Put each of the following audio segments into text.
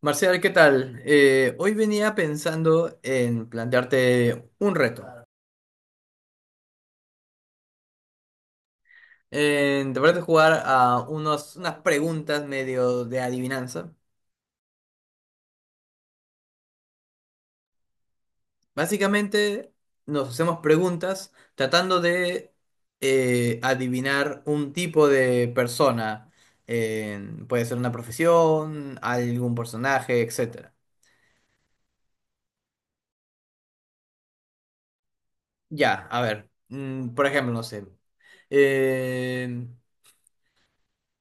Marcial, ¿qué tal? Hoy venía pensando en plantearte un reto. En tratar de jugar a unas preguntas medio de adivinanza. Básicamente nos hacemos preguntas tratando de adivinar un tipo de persona. Puede ser una profesión, algún personaje, etcétera. Ya, a ver. Por ejemplo, no sé. eh,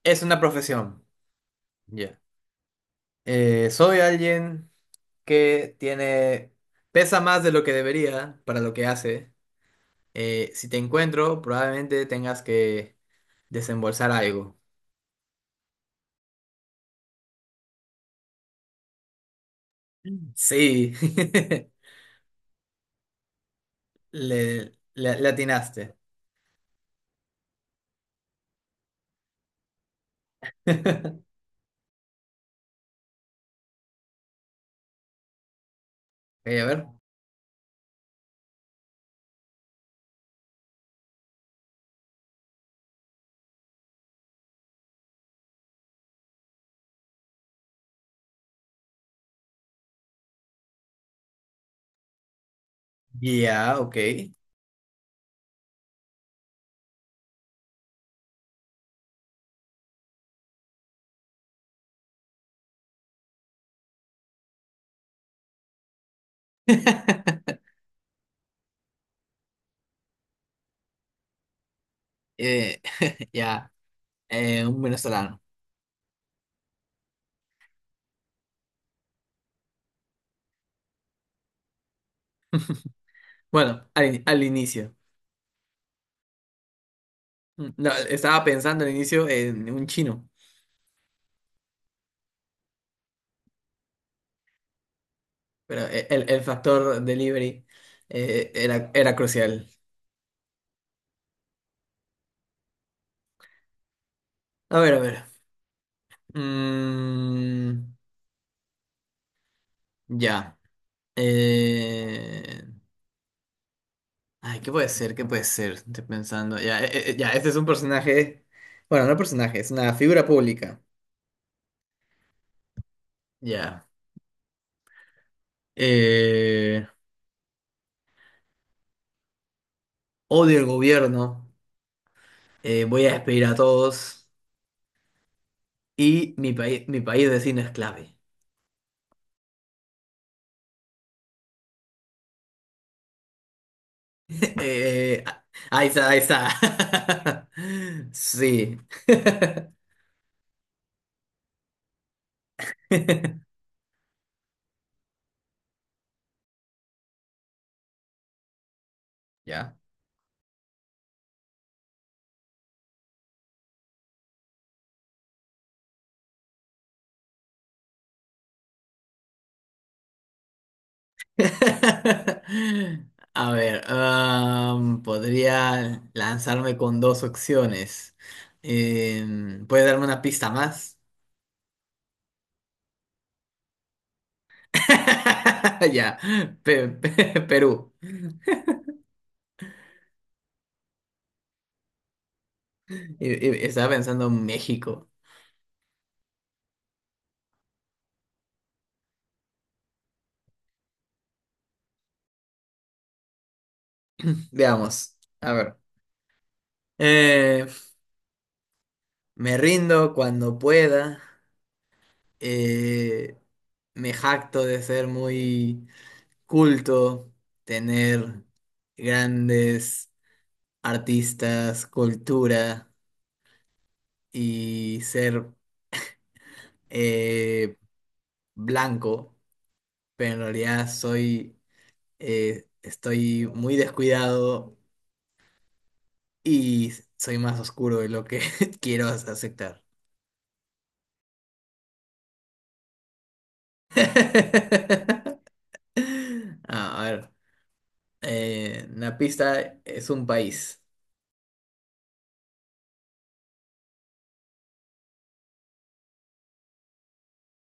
es una profesión. Ya. Soy alguien que tiene, pesa más de lo que debería para lo que hace. Si te encuentro, probablemente tengas que desembolsar algo. Sí, le atinaste. Ok, a ver. Ya, ok. Eh, ya, un venezolano. Bueno, al inicio. Mm, no, estaba pensando al inicio en un chino, pero el factor delivery era crucial. A ver, a ver. Mm, ya. Eh, Ay, ¿qué puede ser? ¿Qué puede ser? Estoy pensando. Ya, ya, este es un personaje. Bueno, no personaje, es una figura pública. Ya. Eh, Odio el gobierno. Voy a despedir a todos. Y mi país vecino es clave. Eh, ah, Ahí está, ahí está. Sí. Ya. A ver, podría lanzarme con dos opciones. ¿Puede darme una pista más? Ya, Perú. Estaba pensando en México. Veamos, a ver. Eh, Me rindo cuando pueda. Eh, Me jacto de ser muy culto, tener grandes artistas, cultura, y ser eh, blanco, pero en realidad soy, estoy muy descuidado y soy más oscuro de lo que quiero aceptar. Ah, a ver, una pista es un país.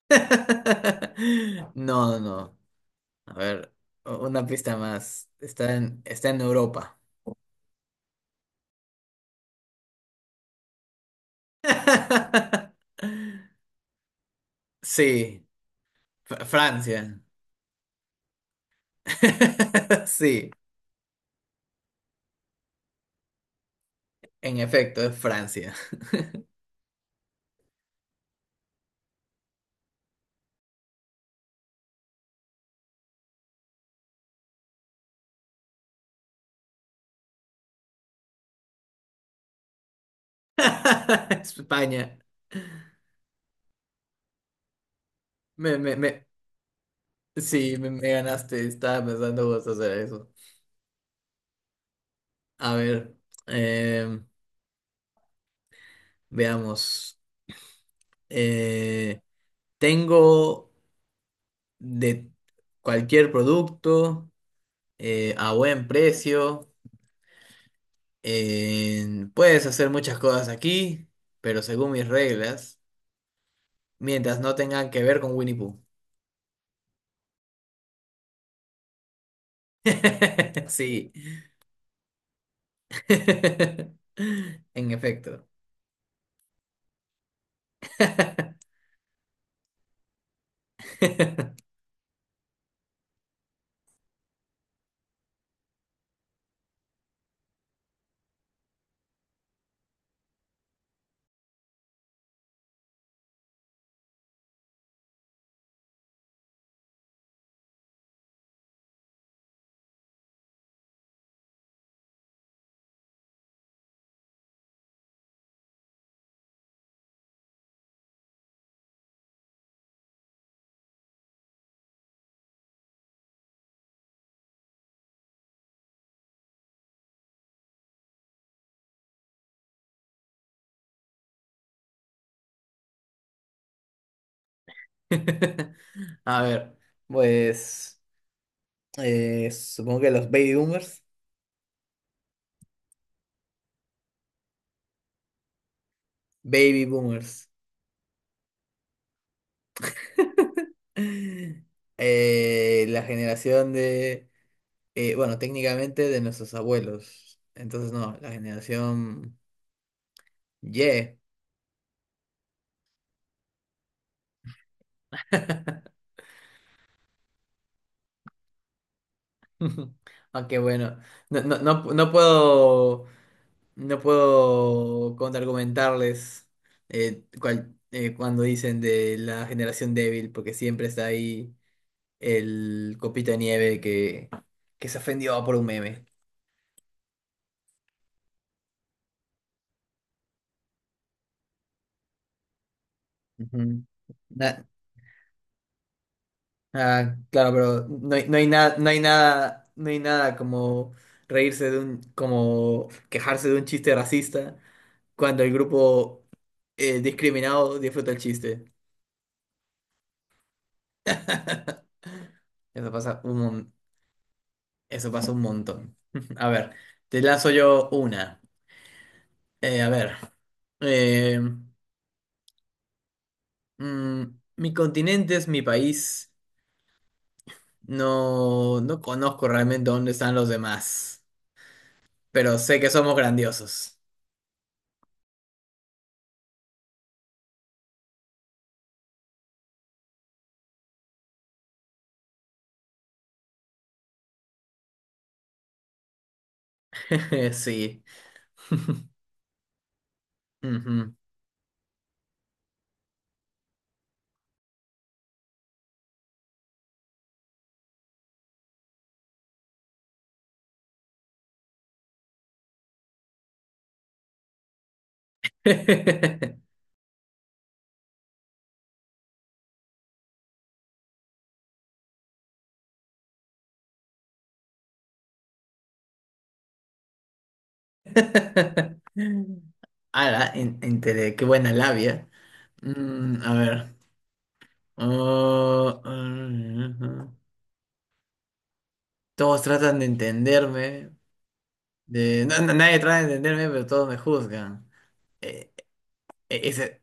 No, no, no. A ver, una pista más. Está en Europa. Sí, Francia. Sí, en efecto, es Francia. España. Me, sí, me ganaste. Estaba pensando vos hacer eso. A ver, eh, veamos. Eh, Tengo de cualquier producto a buen precio. Puedes hacer muchas cosas aquí, pero según mis reglas, mientras no tengan que ver con Winnie Pooh. Sí. En efecto. A ver, pues supongo que los baby boomers. Baby boomers. La generación de, bueno, técnicamente de nuestros abuelos. Entonces, no, la generación Y. Aunque bueno, no puedo. No puedo contraargumentarles cuando dicen de la generación débil, porque siempre está ahí el copito de nieve que se ofendió por un meme. Ujú. Na- claro, pero no hay nada como reírse de como quejarse de un chiste racista cuando el grupo discriminado disfruta el chiste. Eso pasa un montón. Eso pasa un montón. A ver, te lazo yo una. A ver. eh, mm, Mi continente es mi país. No, no conozco realmente dónde están los demás, pero sé que somos grandiosos. Sí. Ujú. Ala, qué buena labia. Mm, a ver. Oh, mm, ujú. Todos tratan de entenderme, Nadie trata de entenderme, pero todos me juzgan. Eh, eh, ese-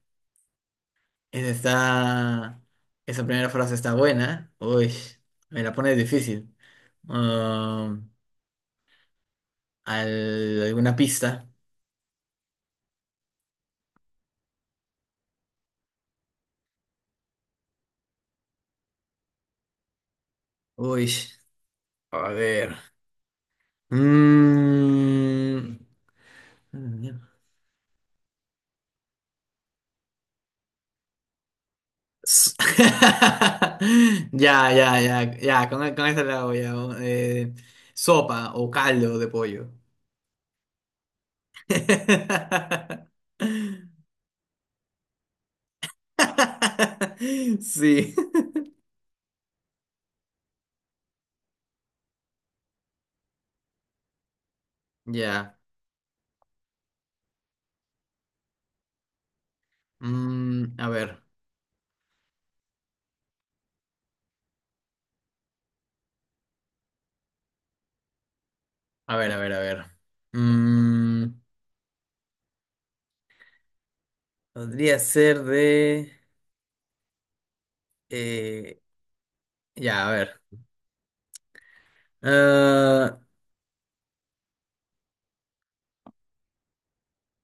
ese está- Esa primera frase está buena. Uy, me la pone difícil. Um, ¿Alguna pista? Uy, a ver. Mm. S- Ya, con esa la voy a... eh, sopa o caldo de pollo. Sí. Ya. Mm, a ver. Mm, podría ser de... eh, ya, a ver. Ah,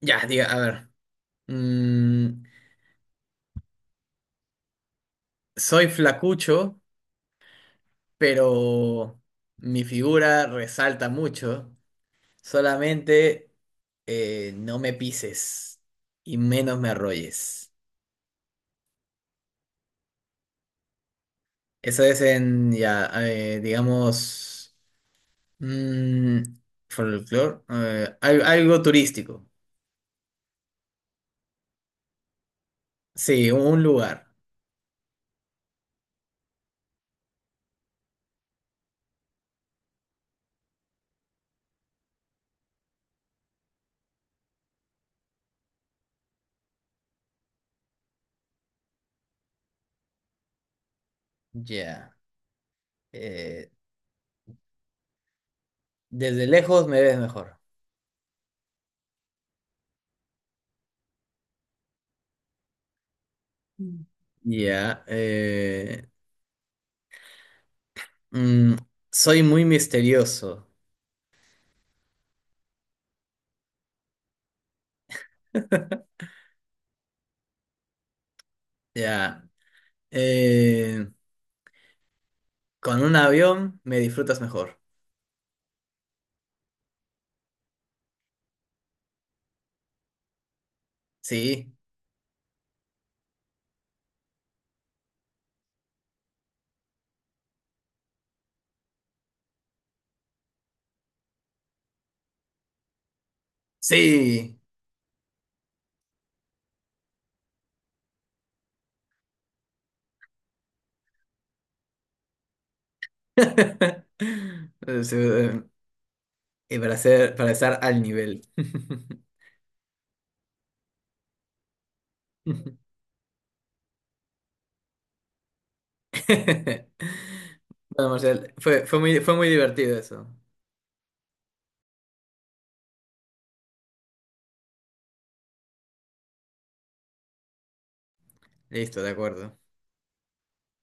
ya, diga, a ver. Mm, soy flacucho, pero mi figura resalta mucho. Solamente no me pises y menos me arrolles. Eso es en, ya, digamos... Mm, folclore, algo turístico. Sí, un lugar. Ya. eh, Desde lejos me ves mejor. Mm. Ya. Mm, Soy muy misterioso. Ya. eh, con un avión me disfrutas mejor. Sí. Sí. Eh, sí, eh, Y para ser, para estar al nivel. Bueno, Marcial, fue muy divertido eso. Listo, de acuerdo.